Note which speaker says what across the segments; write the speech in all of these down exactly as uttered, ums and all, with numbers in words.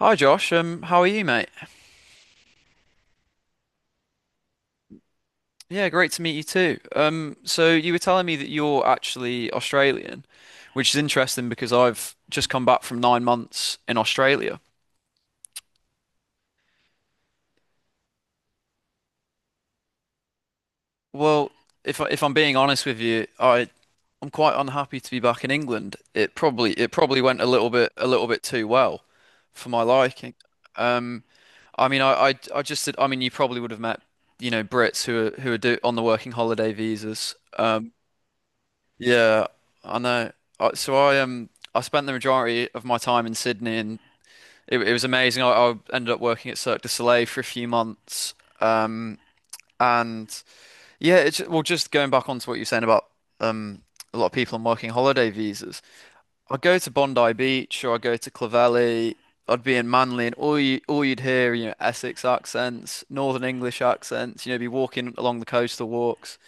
Speaker 1: Hi Josh, um, how are you, mate? Yeah, great to meet you too. Um, so you were telling me that you're actually Australian, which is interesting because I've just come back from nine months in Australia. Well, if I, if I'm being honest with you, I I'm quite unhappy to be back in England. It probably it probably went a little bit a little bit too well for my liking. Um, I mean, I, I I just did. I mean, you probably would have met you know Brits who are who are do, on the working holiday visas. Um, Yeah, I know. I, so I um I spent the majority of my time in Sydney, and it, it was amazing. I, I ended up working at Cirque du Soleil for a few months. Um, and yeah, it's well, just going back onto what you're saying about um a lot of people on working holiday visas. I go to Bondi Beach or I go to Clovelly. I'd be in Manly, and all you all you'd hear, you know, Essex accents, Northern English accents. You know, be walking along the coastal walks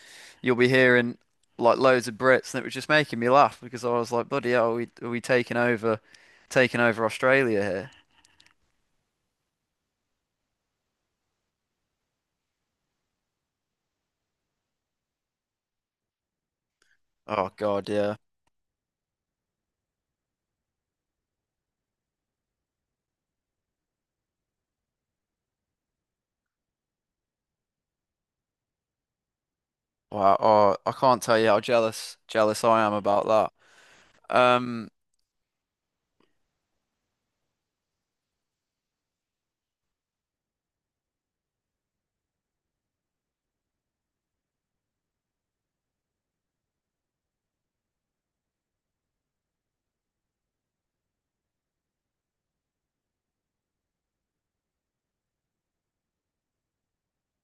Speaker 1: you'll be hearing like loads of Brits, and it was just making me laugh because I was like, "Buddy, are we are we taking over, taking over Australia here?" Oh God, yeah. Wow. Oh, I can't tell you how jealous jealous I am about that. Um,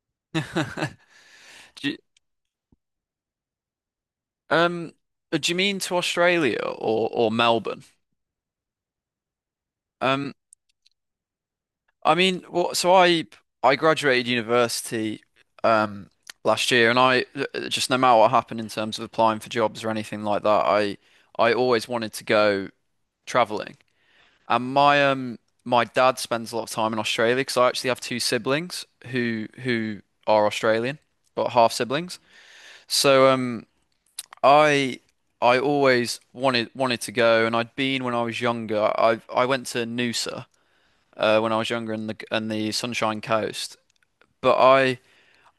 Speaker 1: do you, um, uh, do you mean to Australia or or Melbourne? Um, I mean, well, So I I graduated university. Um, last year and I uh, just no matter what happened in terms of applying for jobs or anything like that I I always wanted to go traveling. And my um my dad spends a lot of time in Australia because I actually have two siblings who who are Australian, but half siblings. So um I I always wanted wanted to go, and I'd been when I was younger. I I went to Noosa uh, when I was younger and the and the Sunshine Coast, but I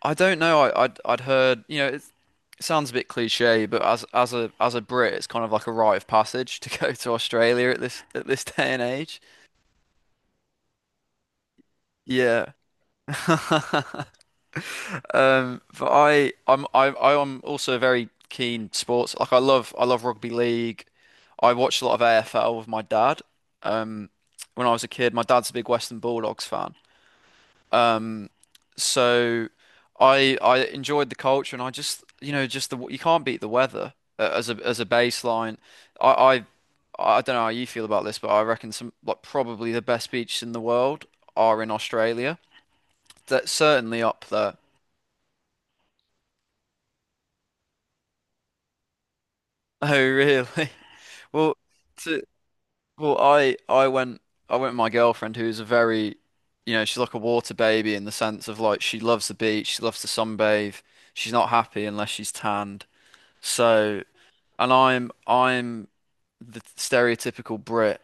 Speaker 1: I don't know. I I'd, I'd heard you know. It's, it sounds a bit cliche, but as as a as a Brit, it's kind of like a rite of passage to go to Australia at this at this day and age. Yeah. Um, but I, I'm, I, I am also a very keen sports. Like I love, I love rugby league. I watched a lot of A F L with my dad. Um, when I was a kid, my dad's a big Western Bulldogs fan. Um, so I, I enjoyed the culture, and I just, you know, just the you can't beat the weather uh, as a as a baseline. I, I, I don't know how you feel about this, but I reckon some like probably the best beaches in the world are in Australia. That's certainly up there. Oh, really? Well, to, well, I I went I went with my girlfriend who's a very, you know, she's like a water baby in the sense of like she loves the beach, she loves to sunbathe. She's not happy unless she's tanned. So, and I'm I'm the stereotypical Brit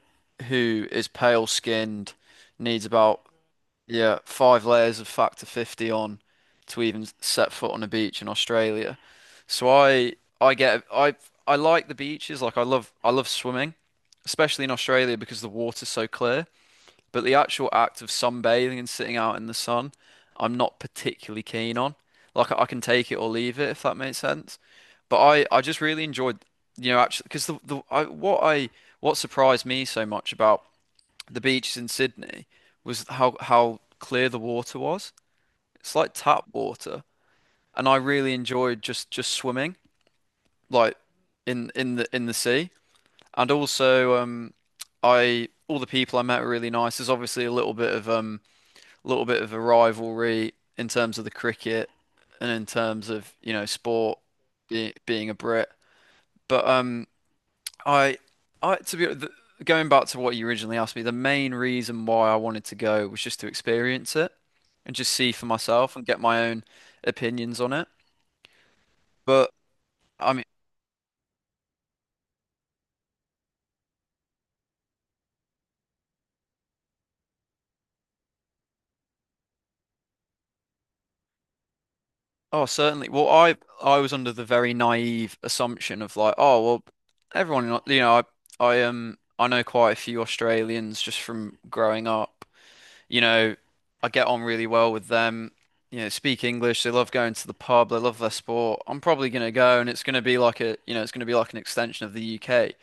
Speaker 1: who is pale skinned, needs about yeah, five layers of factor fifty on to even set foot on a beach in Australia. So I I get I I like the beaches, like I love I love swimming, especially in Australia because the water's so clear, but the actual act of sunbathing and sitting out in the sun, I'm not particularly keen on. Like I can take it or leave it if that makes sense. But I I just really enjoyed, you know, actually because the the I, what I what surprised me so much about the beaches in Sydney was how how clear the water was. It's like tap water, and I really enjoyed just just swimming like in in the in the sea. And also, um, I all the people I met were really nice. There's obviously a little bit of um a little bit of a rivalry in terms of the cricket and in terms of you know sport being being a Brit, but um. I, I to be the, going back to what you originally asked me, the main reason why I wanted to go was just to experience it and just see for myself and get my own opinions on it. But I mean, oh, certainly. Well, I I was under the very naive assumption of like, oh, well, everyone, in Au- you know, I I um I know quite a few Australians just from growing up. You know, I get on really well with them. You know, speak English. They love going to the pub. They love their sport. I'm probably gonna go, and it's gonna be like a, you know, it's gonna be like an extension of the U K.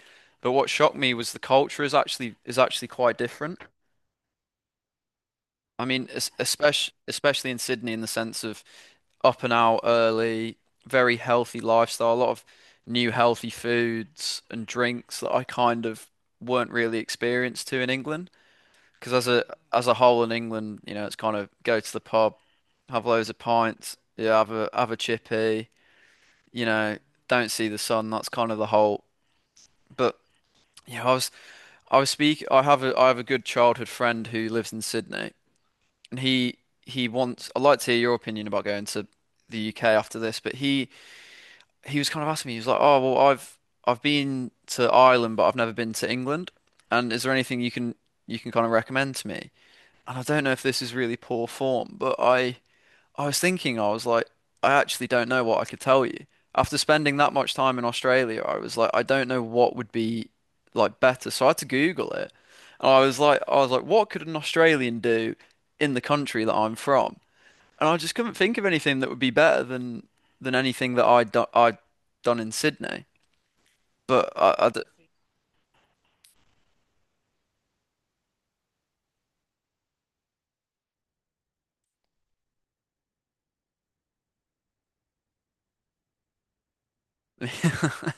Speaker 1: But what shocked me was the culture is actually is actually quite different. I mean, especially especially in Sydney, in the sense of up and out early, very healthy lifestyle, a lot of new healthy foods and drinks that I kind of weren't really experienced to in England. Because as a as a whole in England, you know, it's kind of go to the pub, have loads of pints, yeah, have a have a chippy, you know, don't see the sun. That's kind of the whole. But yeah, I was I was speak. I have a I have a good childhood friend who lives in Sydney, and he he wants. I'd like to hear your opinion about going to the U K after this. But he he was kind of asking me. He was like, "Oh, well, I've I've been to Ireland, but I've never been to England. And is there anything you can you can kind of recommend to me?" And I don't know if this is really poor form, but I I was thinking, I was like, I actually don't know what I could tell you. After spending that much time in Australia, I was like, I don't know what would be like better. So I had to Google it. And I was like, I was like, what could an Australian do in the country that I'm from? And I just couldn't think of anything that would be better than than anything that I'd do I'd done in Sydney. But I, I d-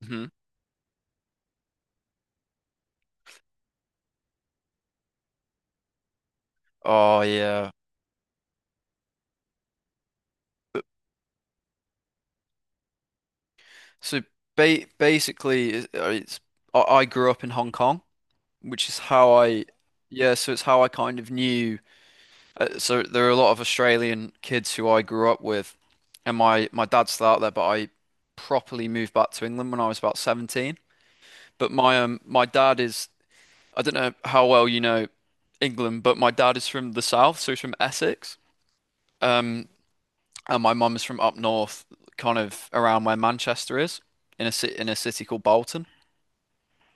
Speaker 1: Mhm. Oh yeah. So ba basically, it's, uh, it's I I grew up in Hong Kong, which is how I, yeah. So it's how I kind of knew. Uh, so there are a lot of Australian kids who I grew up with, and my my dad's still out there, but I properly moved back to England when I was about seventeen. But my um my dad is I don't know how well you know England, but my dad is from the south, so he's from Essex. Um, and my mum is from up north, kind of around where Manchester is, in a ci in a city called Bolton.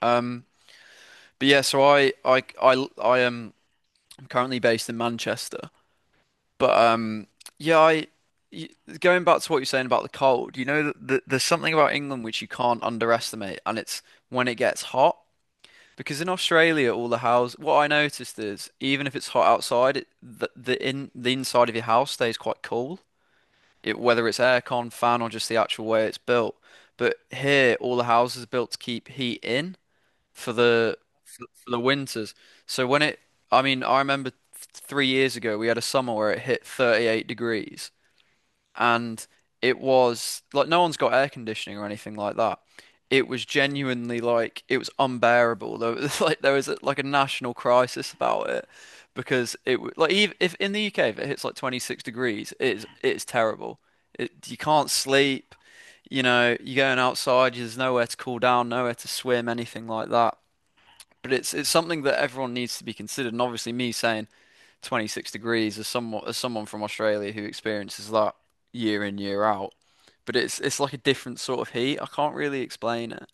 Speaker 1: Um. But yeah, so I I I I am I'm currently based in Manchester, but um yeah, I y- going back to what you're saying about the cold, you know, th th there's something about England which you can't underestimate, and it's when it gets hot. Because in Australia, all the house, what I noticed is even if it's hot outside, it, the the in the inside of your house stays quite cool, it, whether it's aircon, fan, or just the actual way it's built. But here, all the houses are built to keep heat in for the for the winters. So when it, I mean, I remember th- three years ago we had a summer where it hit thirty-eight degrees and it was like no one's got air conditioning or anything like that. It was genuinely like it was unbearable. There was like there was like a national crisis about it because it w- like even if in the U K if it hits like twenty-six degrees, it's it's terrible. It, you can't sleep. You know, you're going outside, there's nowhere to cool down, nowhere to swim, anything like that but it's it's something that everyone needs to be considered. And obviously, me saying twenty-six degrees as someone as someone from Australia who experiences that year in year out, but it's it's like a different sort of heat. I can't really explain it.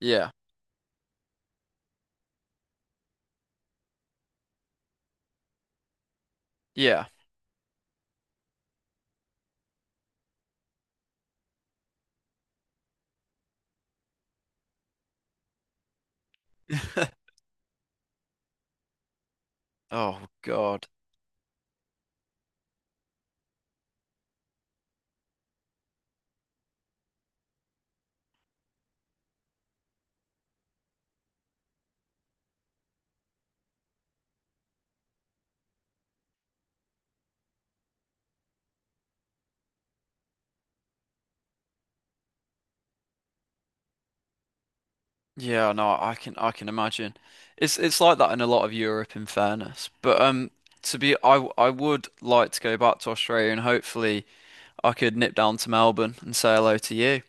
Speaker 1: Yeah, yeah. Oh God. Yeah, no, I can I can imagine. It's it's like that in a lot of Europe, in fairness. But um, to be, I w- I would like to go back to Australia and hopefully I could nip down to Melbourne and say hello to you.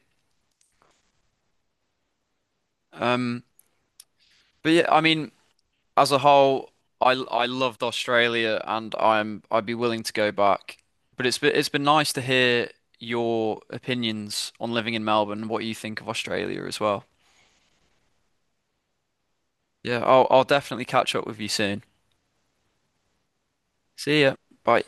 Speaker 1: Um, but yeah, I mean, as a whole, I I loved Australia and I'm I'd be willing to go back. But it's been it's been nice to hear your opinions on living in Melbourne and what you think of Australia as well. Yeah, I'll I'll definitely catch up with you soon. See ya. Bye.